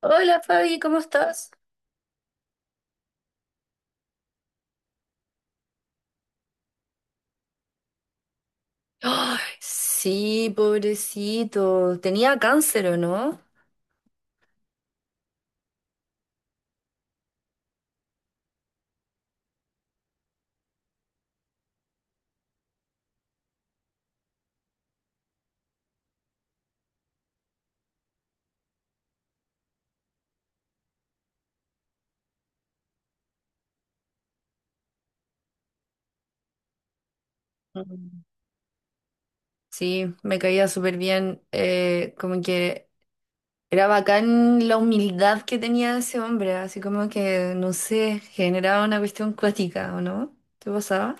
Hola Fabi, ¿cómo estás? Ay, sí, pobrecito. Tenía cáncer, ¿o no? Mm. Sí, me caía súper bien. Como que era bacán la humildad que tenía ese hombre, así como que, no sé, generaba una cuestión cuática, ¿o no? ¿Te pasaba?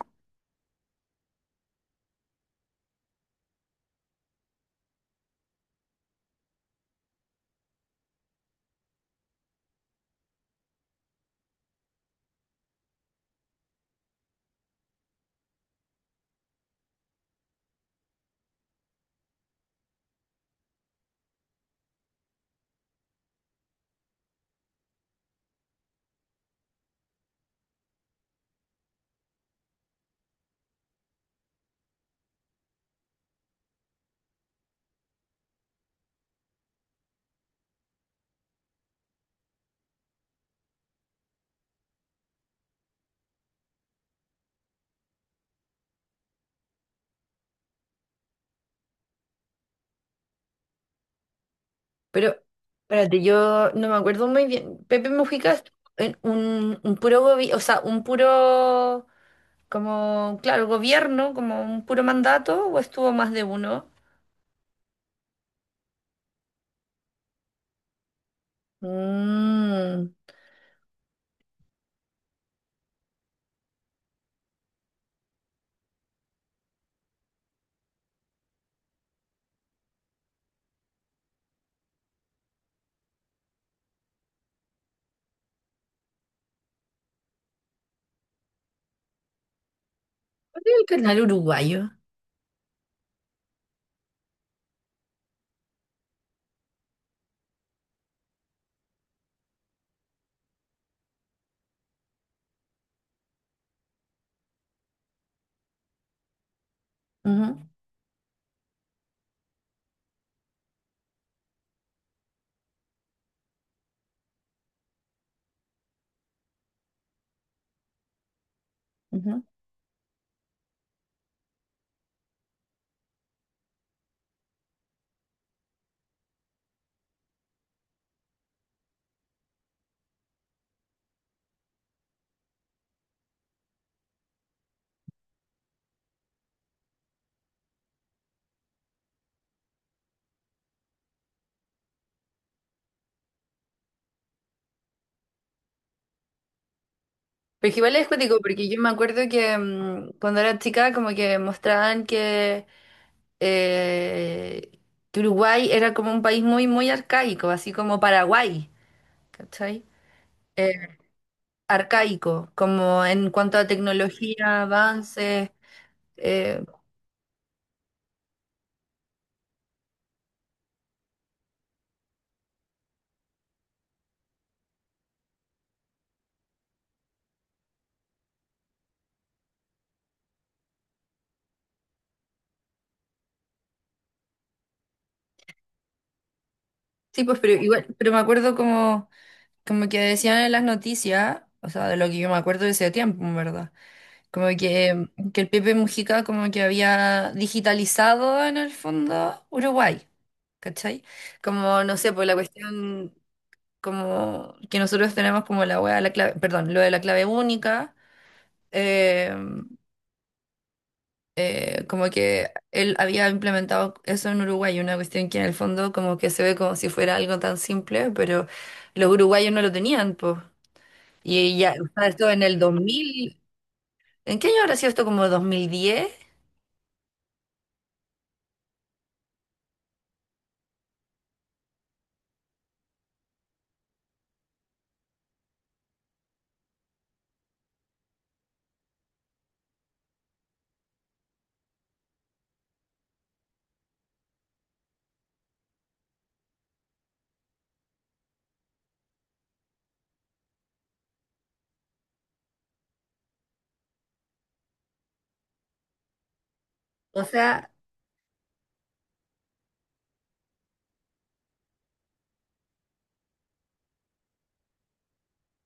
Pero, espérate, yo no me acuerdo muy bien. ¿Pepe Mujica es en un puro gobierno? O sea, un puro, como, claro, gobierno, como un puro mandato, o estuvo más de uno. Mm. ¿Cuál es el canal uruguayo? Ujú, ujú. Porque igual es cuático, porque yo me acuerdo que cuando era chica como que mostraban eh, que Uruguay era como un país muy, muy arcaico, así como Paraguay, ¿cachai? Eh, Arcaico, como en cuanto a tecnología, avances. eh, sí, pues, pero igual, pero me acuerdo como, como que decían en las noticias, o sea, de lo que yo me acuerdo de ese tiempo, ¿en verdad? Como que el Pepe Mujica como que había digitalizado en el fondo Uruguay, ¿cachai? Como, no sé, pues la cuestión como que nosotros tenemos como la wea, de la clave, perdón, lo de la clave única, eh, como que él había implementado eso en Uruguay, una cuestión que en el fondo como que se ve como si fuera algo tan simple, pero los uruguayos no lo tenían, pues. Y ya, o sea, esto en el 2000, ¿en qué año habrá sido esto? Como 2010. O sea,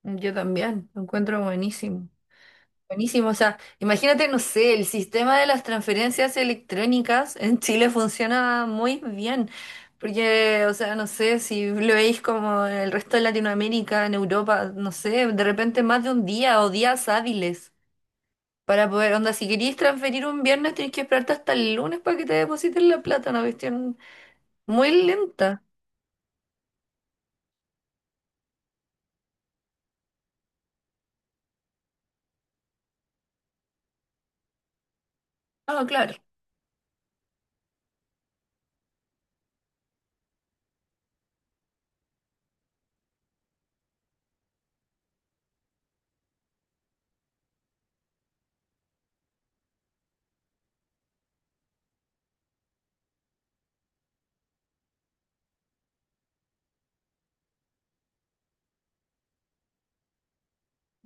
yo también, lo encuentro buenísimo. Buenísimo, o sea, imagínate, no sé, el sistema de las transferencias electrónicas en Chile funciona muy bien, porque, o sea, no sé, si lo veis como en el resto de Latinoamérica, en Europa, no sé, de repente más de un día o días hábiles para poder, onda, si queréis transferir un viernes, tenéis que esperarte hasta el lunes para que te depositen la plata, una cuestión muy lenta. Ah, claro.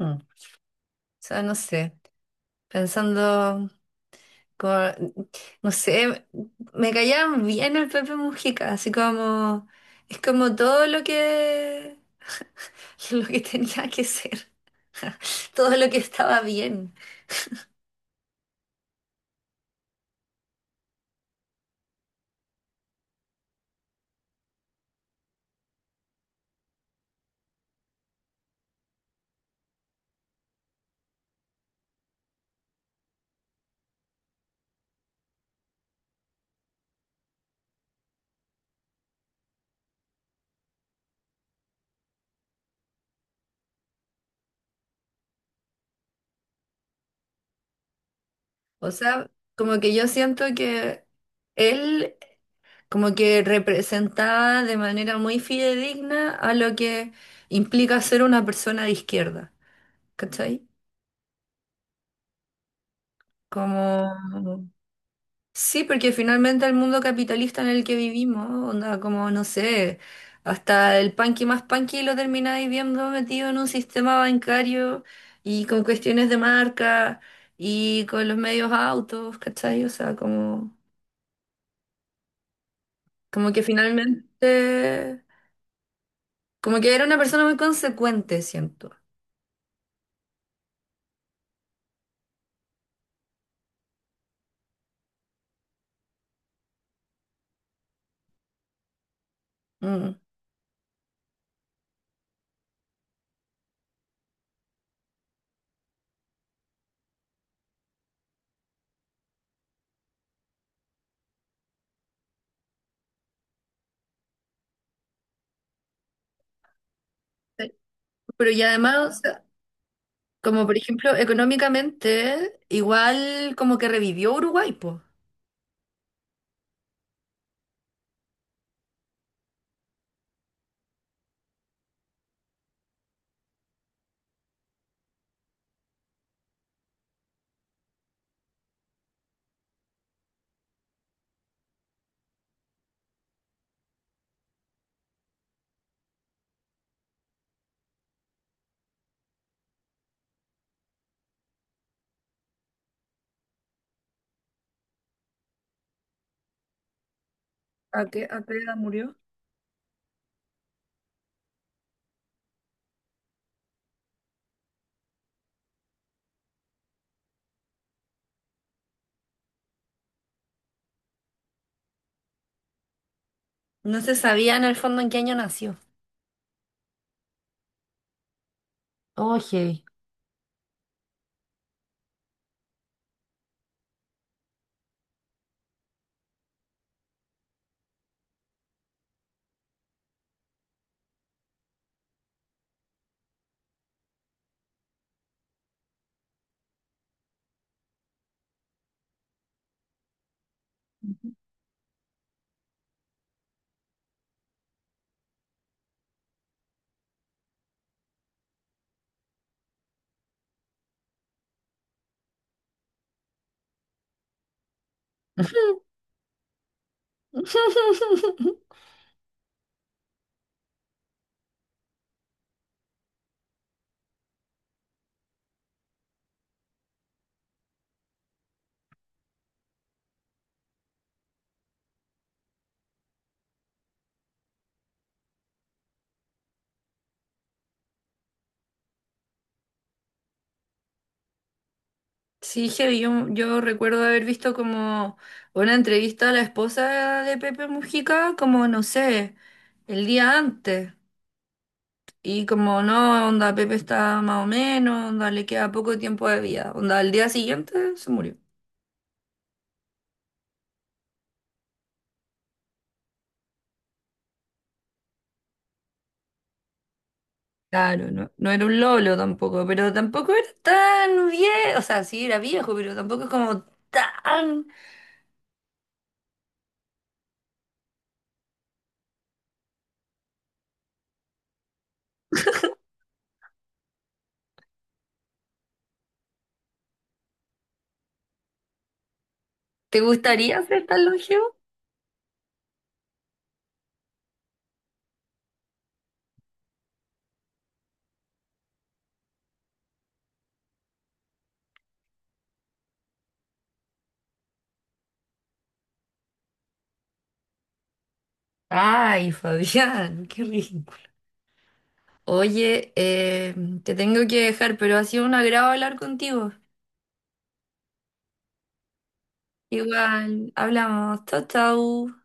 Mm. O sea, no sé, pensando... con- no sé, me callaban bien el Pepe Mujica, así como, es como todo lo que, lo que tenía que ser, todo lo que estaba bien. O sea, como que yo siento que él como que representaba de manera muy fidedigna a lo que implica ser una persona de izquierda, ¿cachai? Como, sí, porque finalmente el mundo capitalista en el que vivimos, onda, como no sé, hasta el punky más punky lo termináis viendo metido en un sistema bancario y con cuestiones de marca y con los medios autos, ¿cachai? O sea, como, como que finalmente, como que era una persona muy consecuente, siento. Mm. Pero y además, o sea, como por ejemplo, económicamente, igual como que revivió Uruguay, pues. A qué edad murió? No se sabía en el fondo en qué año nació. Oye, sí, heavy, yo recuerdo haber visto como una entrevista a la esposa de Pepe Mujica, como no sé, el día antes. Y como no, onda, Pepe está más o menos, onda, le queda poco tiempo de vida. Onda, al día siguiente se murió. Claro, no, no era un lolo tampoco, pero tampoco era tan viejo. O sea, sí era viejo, pero tampoco es como tan. ¿Te gustaría ser tan longevo? Ay, Fabián, qué ridículo. Oye, te tengo que dejar, pero ha sido un agrado hablar contigo. Igual, hablamos. Chau, chau.